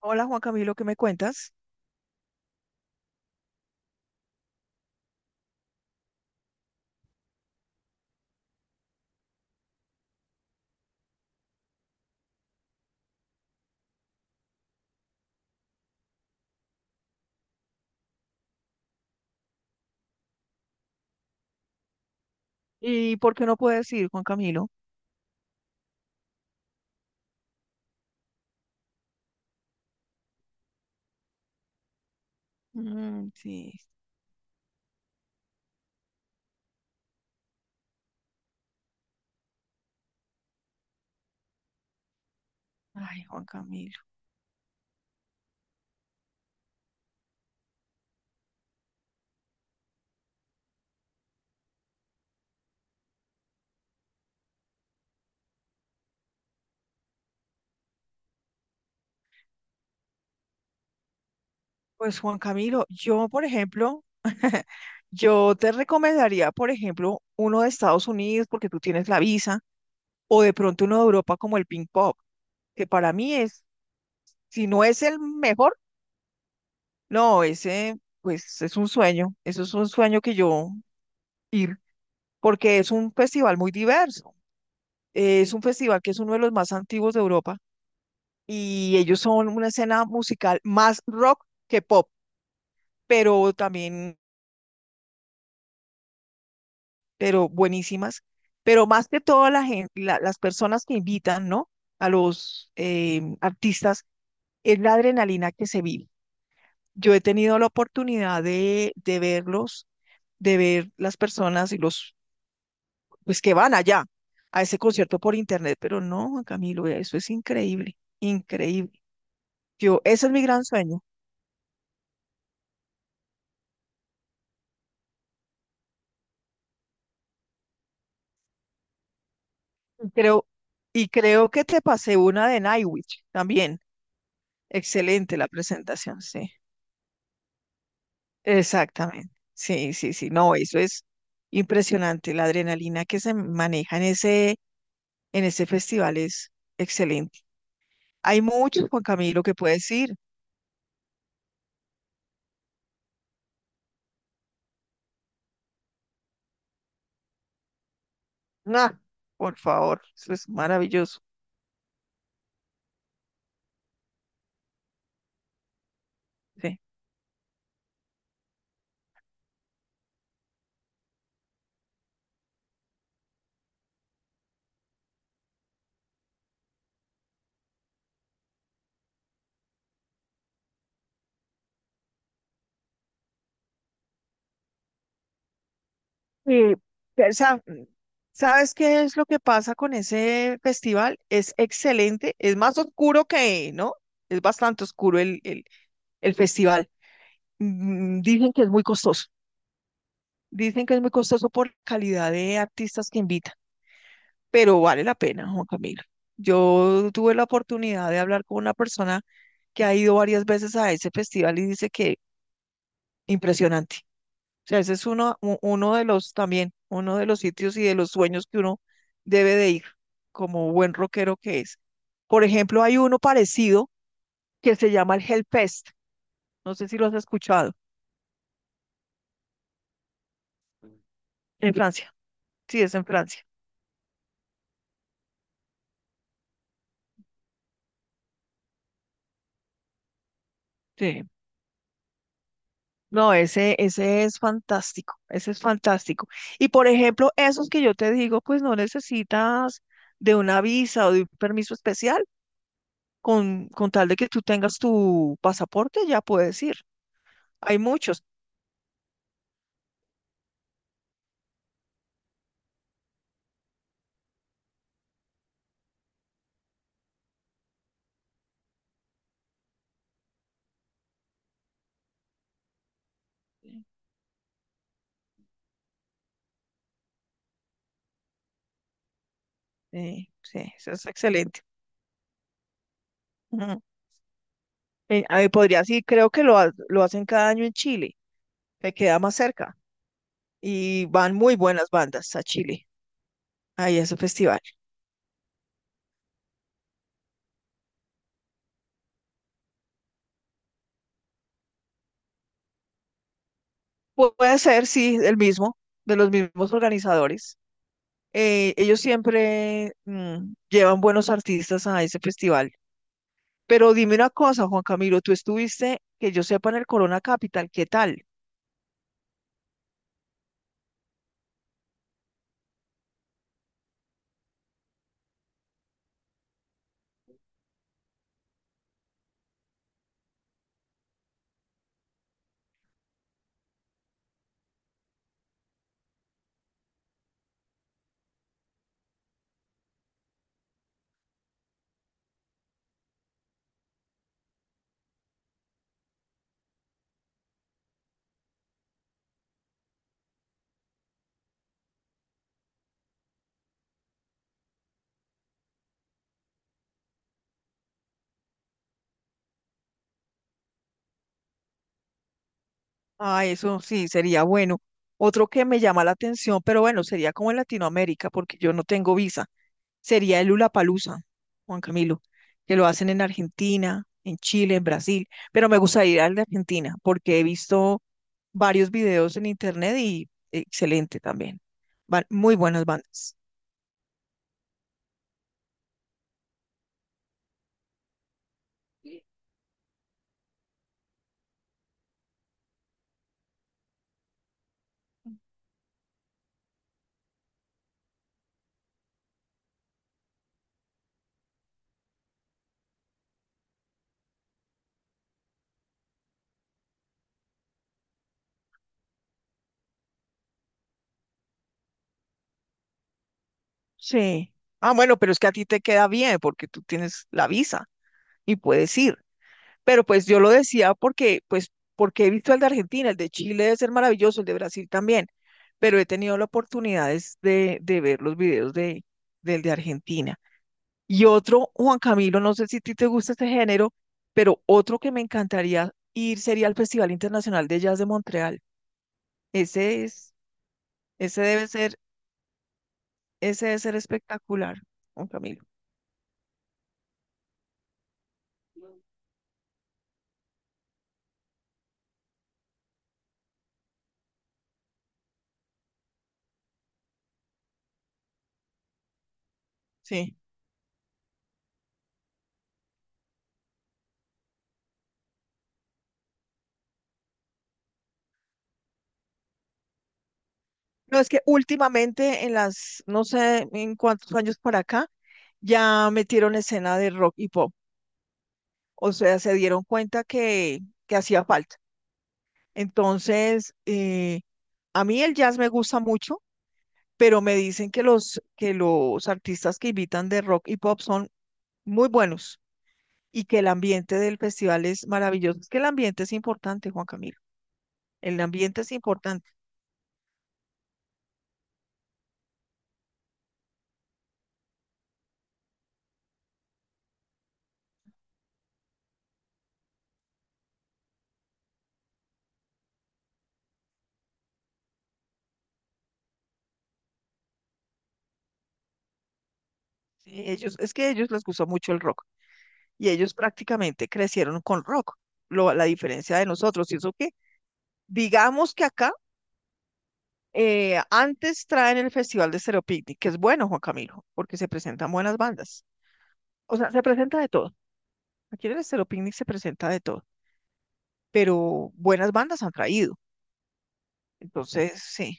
Hola Juan Camilo, ¿qué me cuentas? ¿Y por qué no puedes ir, Juan Camilo? Mm, sí. Ay, Juan Camilo. Pues Juan Camilo, yo, por ejemplo, yo te recomendaría, por ejemplo, uno de Estados Unidos porque tú tienes la visa, o de pronto uno de Europa como el Ping Pong, que para mí es, si no es el mejor, no, ese, pues es un sueño, eso es un sueño que yo ir, porque es un festival muy diverso, es un festival que es uno de los más antiguos de Europa y ellos son una escena musical más rock que pop, pero también, pero buenísimas, pero más que todo las personas que invitan, ¿no? A los artistas, es la adrenalina que se vive. Yo he tenido la oportunidad de verlos, de ver las personas y los, pues que van allá a ese concierto por internet, pero no, Camilo, eso es increíble, increíble. Yo, ese es mi gran sueño. Creo, y creo que te pasé una de Nightwish también. Excelente la presentación, sí. Exactamente. Sí, sí, sí. No, eso es impresionante. La adrenalina que se maneja en ese festival es excelente. Hay mucho, Juan Camilo, que puedes ir. Nah, por favor, eso es maravilloso. Sí. Y, pero, sa- ¿Sabes qué es lo que pasa con ese festival? Es excelente, es más oscuro que, ¿no? Es bastante oscuro el festival. Mm, dicen que es muy costoso, dicen que es muy costoso por la calidad de artistas que invitan, pero vale la pena, Juan Camilo. Yo tuve la oportunidad de hablar con una persona que ha ido varias veces a ese festival y dice que impresionante. O sea, ese es uno, uno de los también, uno de los sitios y de los sueños que uno debe de ir como buen rockero que es. Por ejemplo, hay uno parecido que se llama el Hellfest. No sé si lo has escuchado. En Francia. Sí, es en Francia. Sí. No, ese es fantástico, ese es fantástico. Y por ejemplo, esos que yo te digo, pues no necesitas de una visa o de un permiso especial, con tal de que tú tengas tu pasaporte, ya puedes ir. Hay muchos. Sí, sí, eso es excelente. Ujú. Ahí podría, sí, creo que lo hacen cada año en Chile, me queda más cerca. Y van muy buenas bandas a Chile, ahí a ese festival. Puede ser, sí, el mismo, de los mismos organizadores. Eh, ellos siempre mm, llevan buenos artistas a ese festival. Pero dime una cosa, Juan Camilo, tú estuviste, que yo sepa, en el Corona Capital, ¿qué tal? Ah, eso sí, sería bueno. Otro que me llama la atención, pero bueno, sería como en Latinoamérica, porque yo no tengo visa, sería el Lollapalooza, Juan Camilo, que lo hacen en Argentina, en Chile, en Brasil, pero me gusta ir al de Argentina, porque he visto varios videos en internet y excelente también. Van muy buenas bandas. Sí. Ah, bueno, pero es que a ti te queda bien porque tú tienes la visa y puedes ir. Pero pues yo lo decía porque, pues, porque he visto el de Argentina, el de Chile debe ser maravilloso, el de Brasil también, pero he tenido la oportunidad es de ver los videos del de Argentina. Y otro, Juan Camilo, no sé si a ti te gusta este género, pero otro que me encantaría ir sería al Festival Internacional de Jazz de Montreal. Ese es, ese debe ser, ese debe ser espectacular, Juan Camilo. Sí. No, es que últimamente en las, no sé en cuántos años para acá, ya metieron escena de rock y pop. O sea, se dieron cuenta que hacía falta. Entonces, a mí el jazz me gusta mucho, pero me dicen que los artistas que invitan de rock y pop son muy buenos y que el ambiente del festival es maravilloso. Es que el ambiente es importante, Juan Camilo. El ambiente es importante. Sí, ellos, es que a ellos les gusta mucho el rock. Y ellos prácticamente crecieron con rock. Lo, la diferencia de nosotros, y eso que, digamos que acá antes traen el Festival de Stereo Picnic, que es bueno, Juan Camilo, porque se presentan buenas bandas. O sea, se presenta de todo. Aquí en el Stereo Picnic se presenta de todo, pero buenas bandas han traído. Entonces, sí.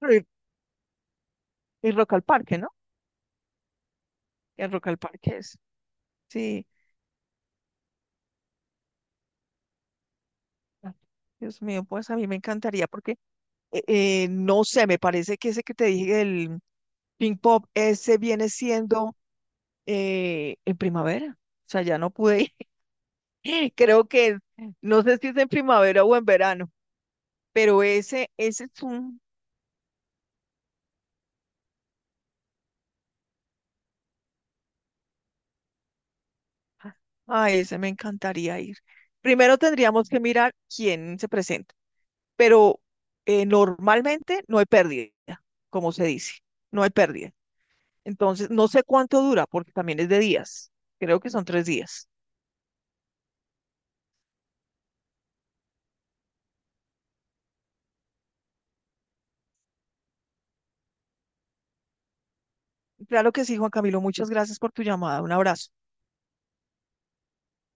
Y, y Rock al Parque, ¿no? El Rock al Parque es, sí. Ah, Dios mío, pues a mí me encantaría porque, no sé, me parece que ese que te dije, el Pink Pop, ese viene siendo en primavera. O sea, ya no pude ir. Creo que, no sé si es en primavera o en verano, pero ese es un, a ese me encantaría ir. Primero tendríamos que mirar quién se presenta, pero normalmente no hay pérdida, como se dice, no hay pérdida. Entonces, no sé cuánto dura, porque también es de días. Creo que son 3 días. Claro que sí, Juan Camilo, muchas gracias por tu llamada. Un abrazo.